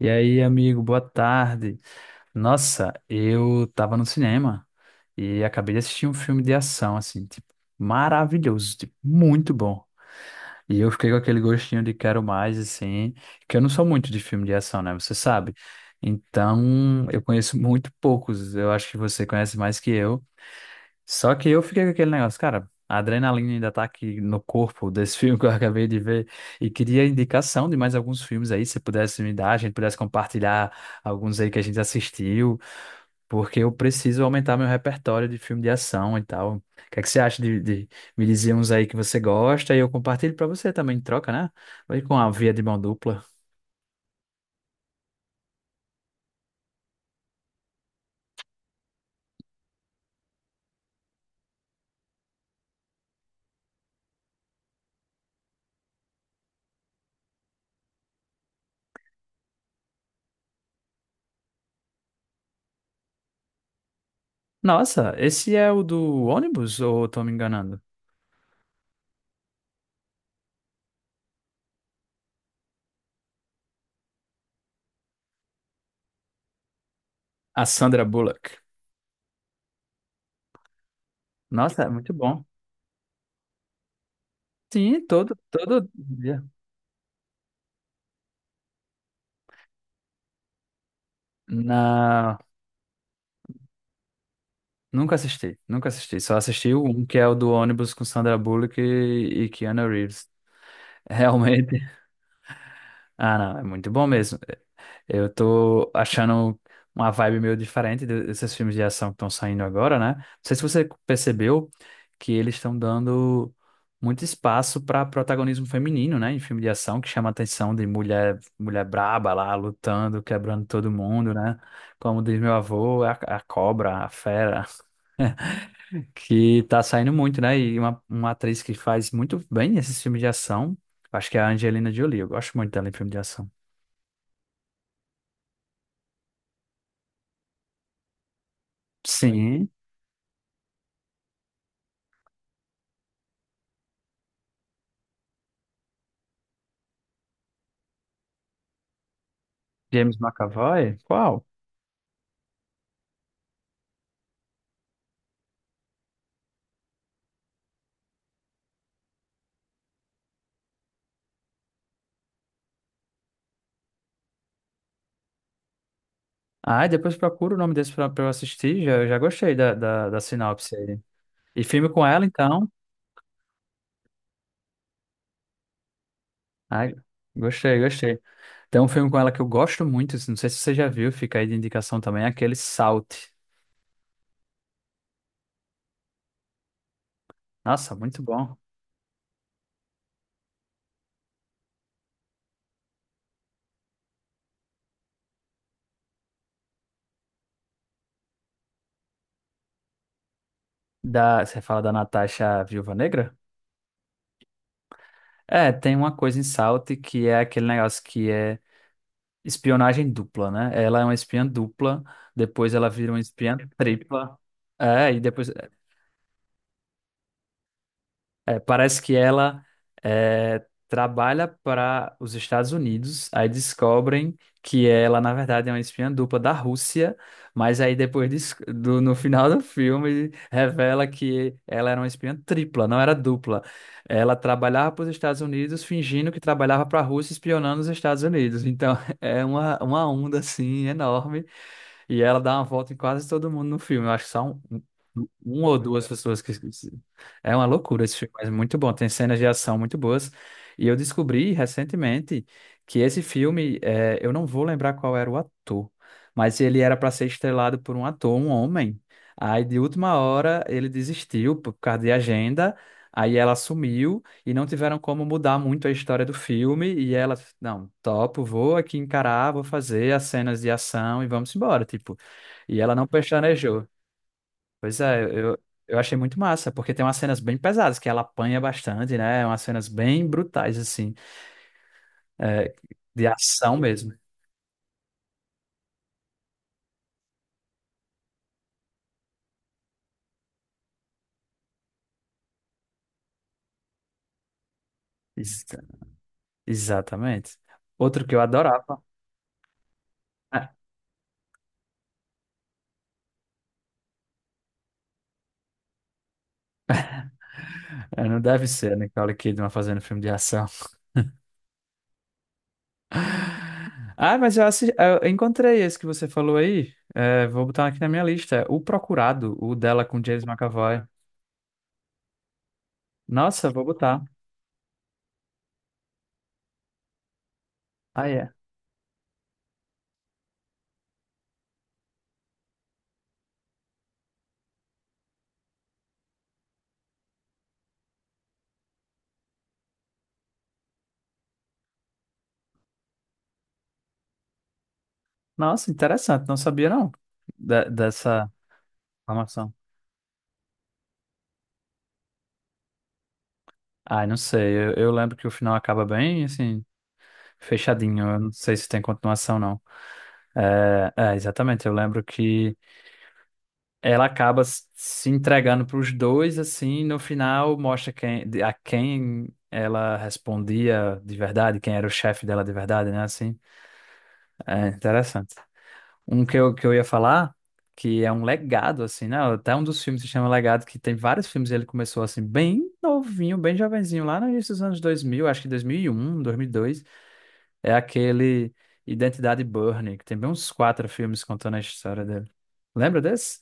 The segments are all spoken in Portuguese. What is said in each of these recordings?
E aí, amigo, boa tarde. Nossa, eu tava no cinema e acabei de assistir um filme de ação, assim, tipo, maravilhoso, tipo, muito bom. E eu fiquei com aquele gostinho de quero mais, assim, que eu não sou muito de filme de ação, né? Você sabe. Então, eu conheço muito poucos. Eu acho que você conhece mais que eu. Só que eu fiquei com aquele negócio, cara, a adrenalina ainda tá aqui no corpo desse filme que eu acabei de ver e queria indicação de mais alguns filmes aí, se pudesse me dar, a gente pudesse compartilhar alguns aí que a gente assistiu, porque eu preciso aumentar meu repertório de filme de ação e tal. O que é que você acha de me dizer uns aí que você gosta e eu compartilho pra você também, em troca, né? Vai com a via de mão dupla. Nossa, esse é o do ônibus ou eu tô me enganando? A Sandra Bullock. Nossa, é muito bom. Sim, todo, Na... Nunca assisti, nunca assisti. Só assisti o um, que é o do ônibus com Sandra Bullock e Keanu Reeves. Realmente. Ah, não, é muito bom mesmo. Eu tô achando uma vibe meio diferente desses filmes de ação que estão saindo agora, né? Não sei se você percebeu que eles estão dando muito espaço para protagonismo feminino, né? Em filme de ação, que chama a atenção de mulher, mulher braba lá, lutando, quebrando todo mundo, né? Como diz meu avô, a cobra, a fera. Que tá saindo muito, né? E uma atriz que faz muito bem esses filmes de ação, acho que é a Angelina Jolie. Eu gosto muito dela em filme de ação. Sim, James McAvoy? Qual? Ah, depois procura o nome desse pra eu assistir. Já, gostei da sinopse aí. E filme com ela, então. Ai, gostei, gostei. Tem um filme com ela que eu gosto muito, não sei se você já viu, fica aí de indicação também, é aquele Salt. Nossa, muito bom. Você fala da Natasha Viúva Negra? É, tem uma coisa em Salt que é aquele negócio que é espionagem dupla, né? Ela é uma espiã dupla, depois ela vira uma espiã tripla. É, e depois É, parece que ela trabalha para os Estados Unidos, aí descobrem que ela, na verdade, é uma espiã dupla da Rússia, mas aí depois no final do filme revela que ela era uma espiã tripla, não era dupla. Ela trabalhava para os Estados Unidos fingindo que trabalhava para a Rússia, espionando os Estados Unidos. Então é uma onda assim enorme. E ela dá uma volta em quase todo mundo no filme. Eu acho que são uma ou duas pessoas que. É uma loucura esse filme, mas muito bom. Tem cenas de ação muito boas. E eu descobri recentemente que esse filme, eu não vou lembrar qual era o ator, mas ele era para ser estrelado por um ator, um homem. Aí, de última hora, ele desistiu por causa de agenda. Aí ela sumiu e não tiveram como mudar muito a história do filme. E ela, não, topo, vou aqui encarar, vou fazer as cenas de ação e vamos embora, tipo. E ela não pestanejou. Pois é, eu achei muito massa, porque tem umas cenas bem pesadas, que ela apanha bastante, né? É umas cenas bem brutais, assim, é, de ação mesmo. Ex- exatamente. Outro que eu adorava. Não deve ser a Nicole Kidman fazendo filme de ação. Ah, mas eu encontrei esse que você falou aí. É, vou botar aqui na minha lista. O Procurado, o dela com James McAvoy. Nossa, vou botar. Ah, é. Nossa, interessante. Não sabia, não, dessa informação. Ai, não sei. Eu lembro que o final acaba bem, assim, fechadinho. Eu não sei se tem continuação, não. É, é, exatamente. Eu lembro que ela acaba se entregando para os dois, assim, e no final mostra quem, a quem ela respondia de verdade, quem era o chefe dela de verdade, né? Assim, é interessante. Um que que eu ia falar, que é um legado, assim, né? Até um dos filmes se chama Legado, que tem vários filmes. E ele começou, assim, bem novinho, bem jovenzinho, lá no início dos anos 2000, acho que dois mil e um 2002 É aquele Identidade Burning, que tem bem uns quatro filmes contando a história dele. Lembra desse?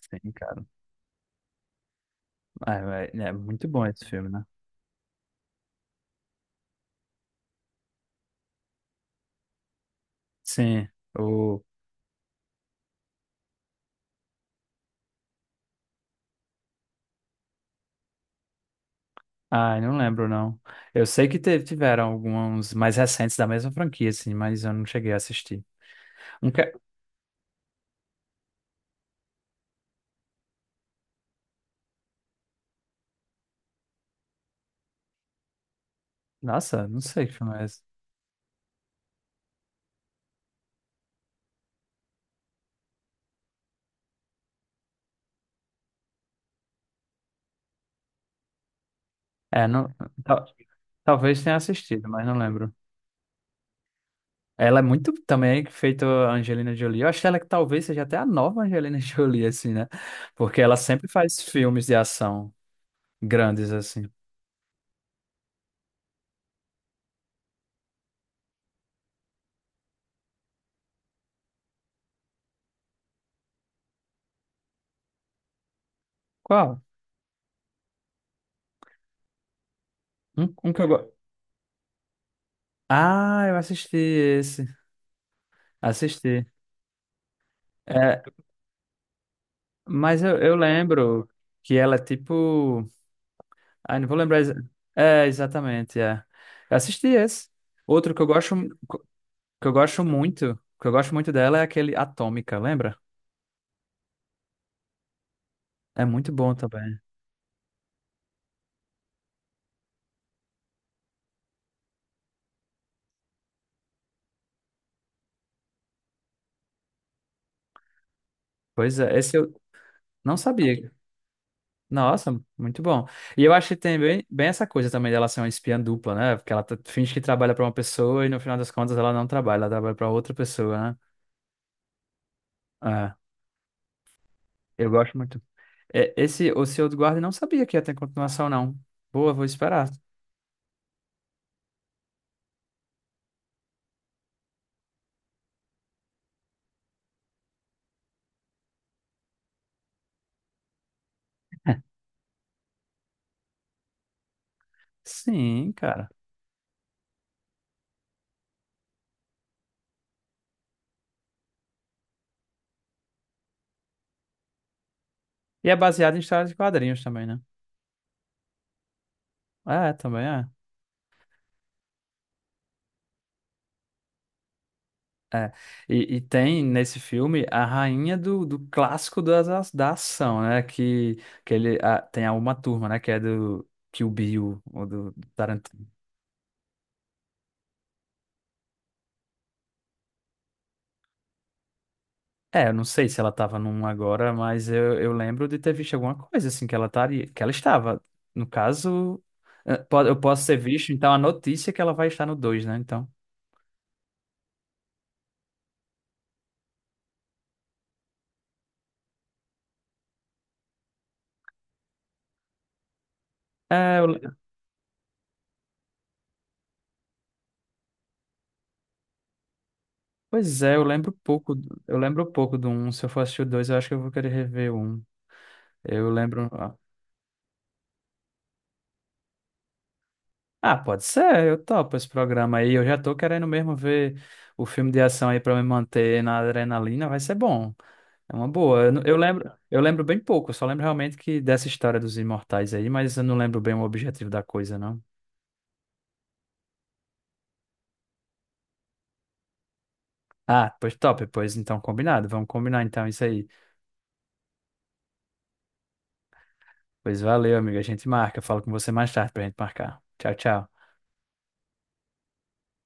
Sim, cara. Ah, é muito bom esse filme, né? Sim, o. Ai, não lembro, não. Eu sei que tiveram alguns mais recentes da mesma franquia, assim, mas eu não cheguei a assistir. Um que... Nossa, não sei que filme é esse. É, não... tal- talvez tenha assistido, mas não lembro. Ela é muito também feito a Angelina Jolie. Eu acho que ela é que talvez seja até a nova Angelina Jolie, assim, né? Porque ela sempre faz filmes de ação grandes, assim. Qual? Um que eu gosto. Ah, eu assisti esse. Assisti. É, mas eu lembro que ela é tipo. Ah, não vou lembrar. É, exatamente, é. Eu assisti esse. Outro que eu gosto muito dela é aquele Atômica, lembra? É muito bom também. Pois é, esse eu não sabia. Nossa, muito bom. E eu acho que tem bem, bem essa coisa também dela ser uma espiã dupla, né? Porque ela finge que trabalha pra uma pessoa e no final das contas ela não trabalha, ela trabalha pra outra pessoa, né? É, eu gosto muito. É, esse O Senhor do Guarda não sabia que ia ter continuação, não. Boa, vou esperar. Sim, cara. E é baseado em histórias de quadrinhos também, né? É, também é. É, e tem nesse filme a rainha do clássico da ação, né? Que tem a Uma Turma, né? Que é do Kill Bill ou do Tarantino. É, eu não sei se ela tava num agora, mas eu lembro de ter visto alguma coisa assim que ela estaria, que ela estava. No caso, eu posso ter visto, então, a notícia é que ela vai estar no 2 né? Então. É, eu- pois é, eu lembro pouco. Eu lembro pouco do Um. Se eu for assistir o 2 eu acho que eu vou querer rever o Um. Eu lembro. Ah, pode ser, eu topo esse programa aí. Eu já tô querendo mesmo ver o filme de ação aí pra me manter na adrenalina, vai ser bom. É uma boa. Eu, não- eu lembro bem pouco, eu só lembro realmente que dessa história dos imortais aí, mas eu não lembro bem o objetivo da coisa, não. Ah, pois então combinado. Vamos combinar então isso aí. Pois valeu, amigo. A gente marca. Eu falo com você mais tarde pra gente marcar. Tchau, tchau.